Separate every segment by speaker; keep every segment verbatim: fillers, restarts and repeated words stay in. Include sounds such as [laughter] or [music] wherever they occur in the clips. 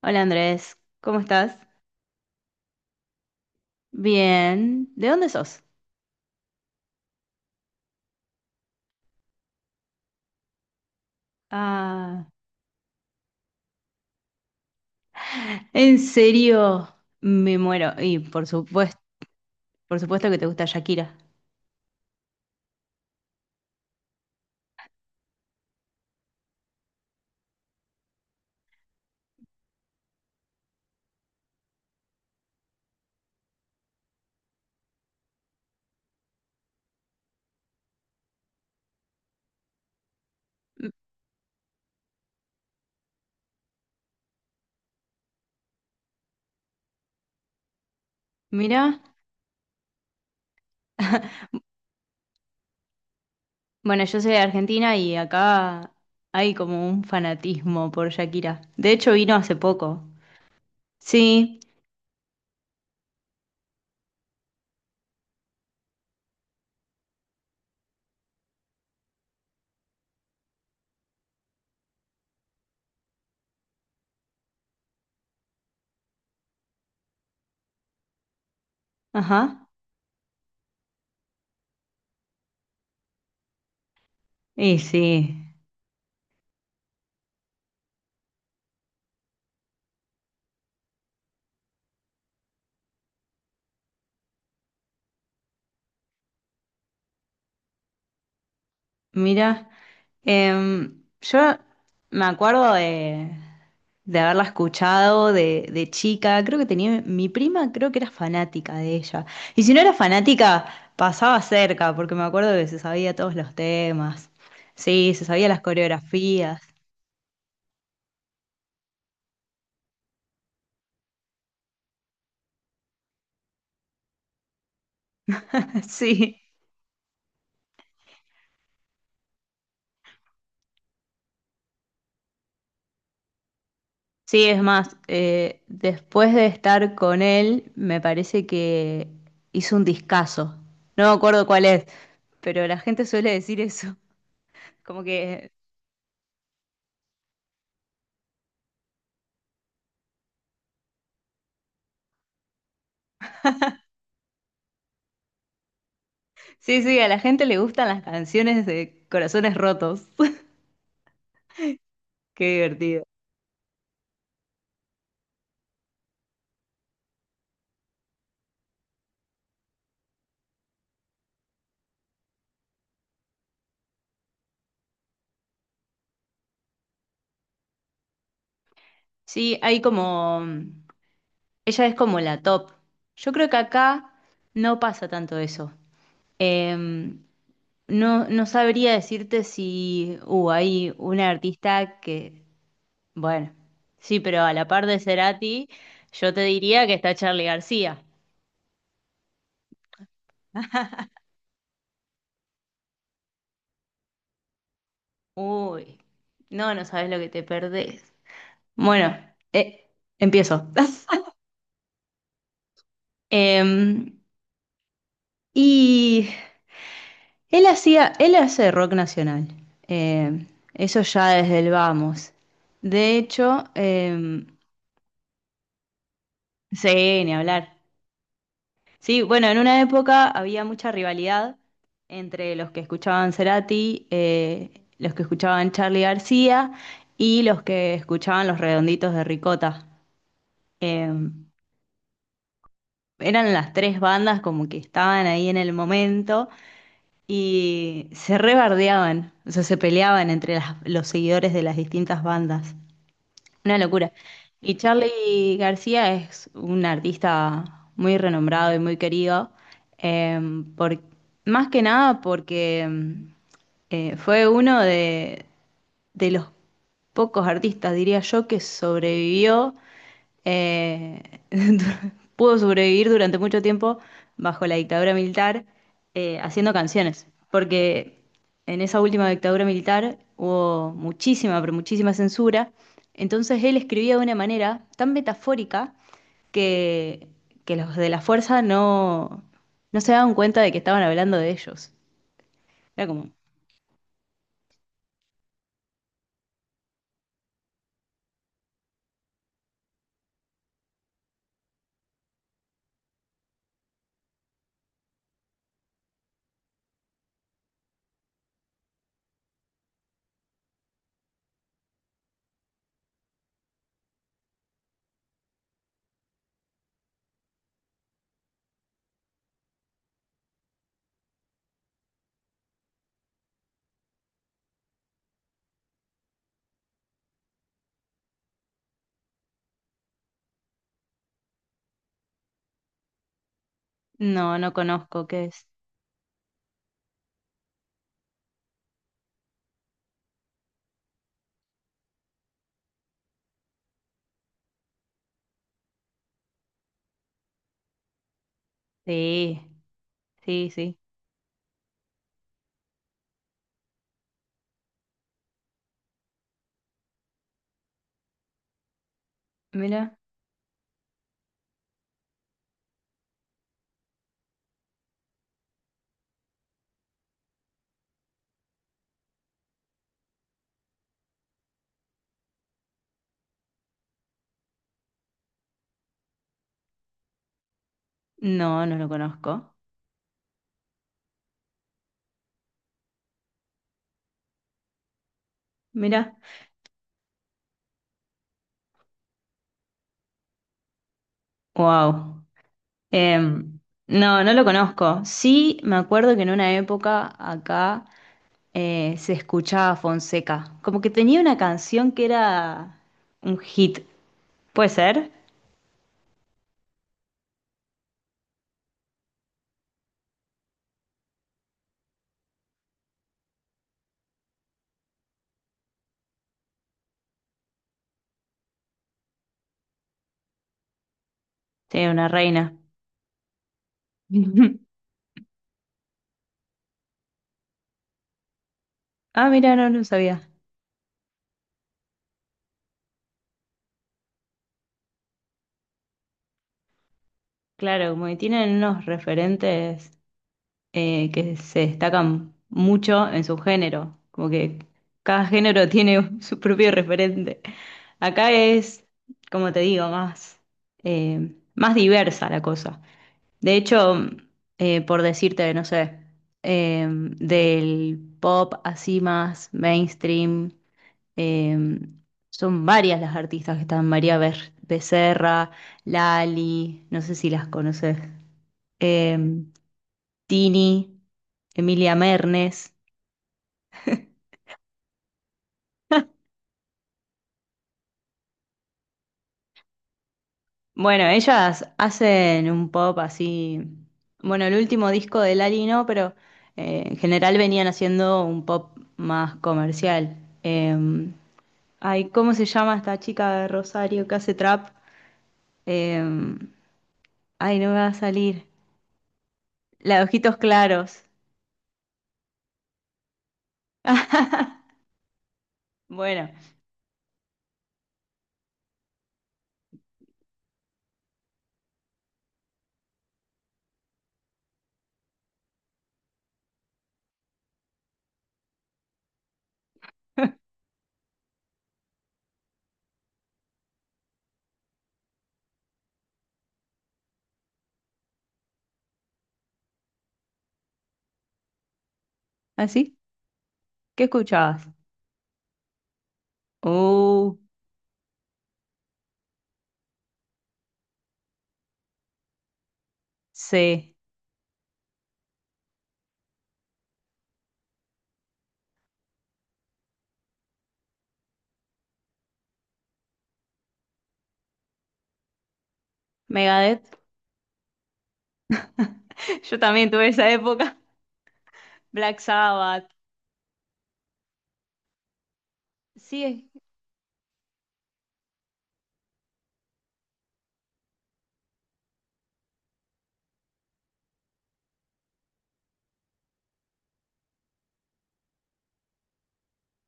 Speaker 1: Hola Andrés, ¿cómo estás? Bien, ¿de dónde sos? Ah, ¿en serio? Me muero. Y por supuesto, por supuesto que te gusta Shakira. M- Mira, bueno, yo soy de Argentina y acá hay como un fanatismo por Shakira. De hecho, vino hace poco. Sí, ajá. Y sí, mira, em, yo me acuerdo de de haberla escuchado de, de chica. Creo que tenía, mi prima creo que era fanática de ella. Y si no era fanática, pasaba cerca, porque me acuerdo que se sabía todos los temas. Sí, se sabía las coreografías. [laughs] Sí. Sí, es más, eh, después de estar con él, me parece que hizo un discazo. No me acuerdo cuál es, pero la gente suele decir eso. [laughs] Como que, sí, sí, a la gente le gustan las canciones de corazones rotos. [laughs] Qué divertido. Sí, hay como, mm, ella es como la top. Yo creo que acá no pasa tanto eso. Eh, no, no sabría decirte si uh, hay una artista que, bueno, sí, pero a la par de Cerati, yo te diría que está Charly García. Uy, no, no sabes lo que te perdés. Bueno, eh, empiezo. [laughs] Em, y Él hacía, él hace rock nacional. eh, Eso ya desde el vamos. De hecho, eh, sí, ni hablar. Sí, bueno, en una época había mucha rivalidad entre los que escuchaban Cerati, eh, los que escuchaban Charly García y los que escuchaban Los Redonditos de Ricota. Eh, Eran las tres bandas como que estaban ahí en el momento y se rebardeaban, o sea, se peleaban entre las- los seguidores de las distintas bandas. Una locura. Y Charly García es un artista muy renombrado y muy querido, eh, por, más que nada porque em, eh, fue uno de, de los pocos artistas, diría yo, que sobrevivió, eh, [laughs] du- pudo sobrevivir durante mucho tiempo bajo la dictadura militar eh, haciendo canciones, porque en esa última dictadura militar hubo muchísima, pero muchísima censura, entonces él escribía de una manera tan metafórica que, que los de la fuerza no, no se daban cuenta de que estaban hablando de ellos. Era como, no, no conozco qué es. Sí. Sí, sí. Mira. No, no lo conozco. Mira. Wow. No, no lo conozco. Sí, me acuerdo que en una época acá eh, se escuchaba Fonseca. Como que tenía una canción que era un hit. ¿Puede ser? Sí, una reina. [laughs] Ah, mira, no lo sabía. Claro, como que tienen unos referentes eh, que se destacan mucho en su género, como que cada género tiene [laughs] su propio referente. Acá es, como te digo, más, eh, más diversa la cosa. De hecho, eh, por decirte, no sé, eh, del pop así más mainstream, eh, son varias las artistas que están, María Ber- Becerra, Lali, no sé si las conoces. Eh, Tini, Emilia Mernes. Bueno, ellas hacen un pop así. Bueno, el último disco de Lali no, pero eh, en general venían haciendo un pop más comercial. Eh, Ay, ¿cómo se llama esta chica de Rosario que hace trap? Eh, Ay, no me va a salir. La de ojitos claros. [laughs] Bueno, [laughs] ¿así? ¿Qué escuchabas? Uh, sí. Megadeth. [laughs] Yo también tuve esa época. Black Sabbath. Sí,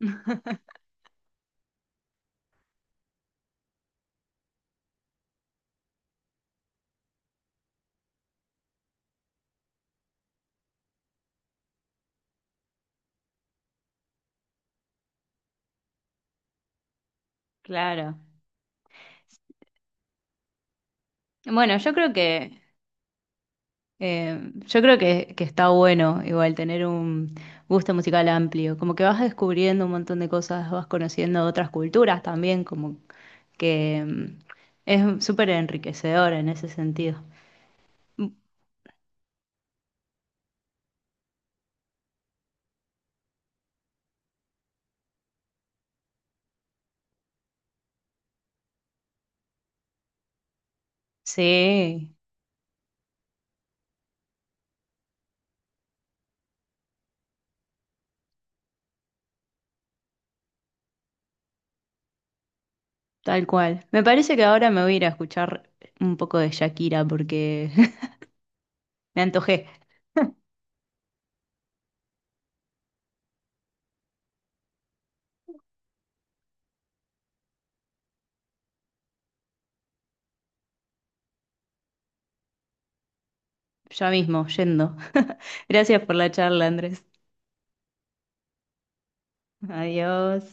Speaker 1: [laughs] claro. Bueno, yo creo que eh, yo creo que, que está bueno igual tener un gusto musical amplio, como que vas descubriendo un montón de cosas, vas conociendo otras culturas también, como que mm, es súper enriquecedor en ese sentido. Mm, sí, tal cual. Me parece que ahora me voy a ir a escuchar un poco de Shakira porque [laughs] me antojé, ya mismo, yendo. [laughs] Gracias por la charla, Andrés. Adiós.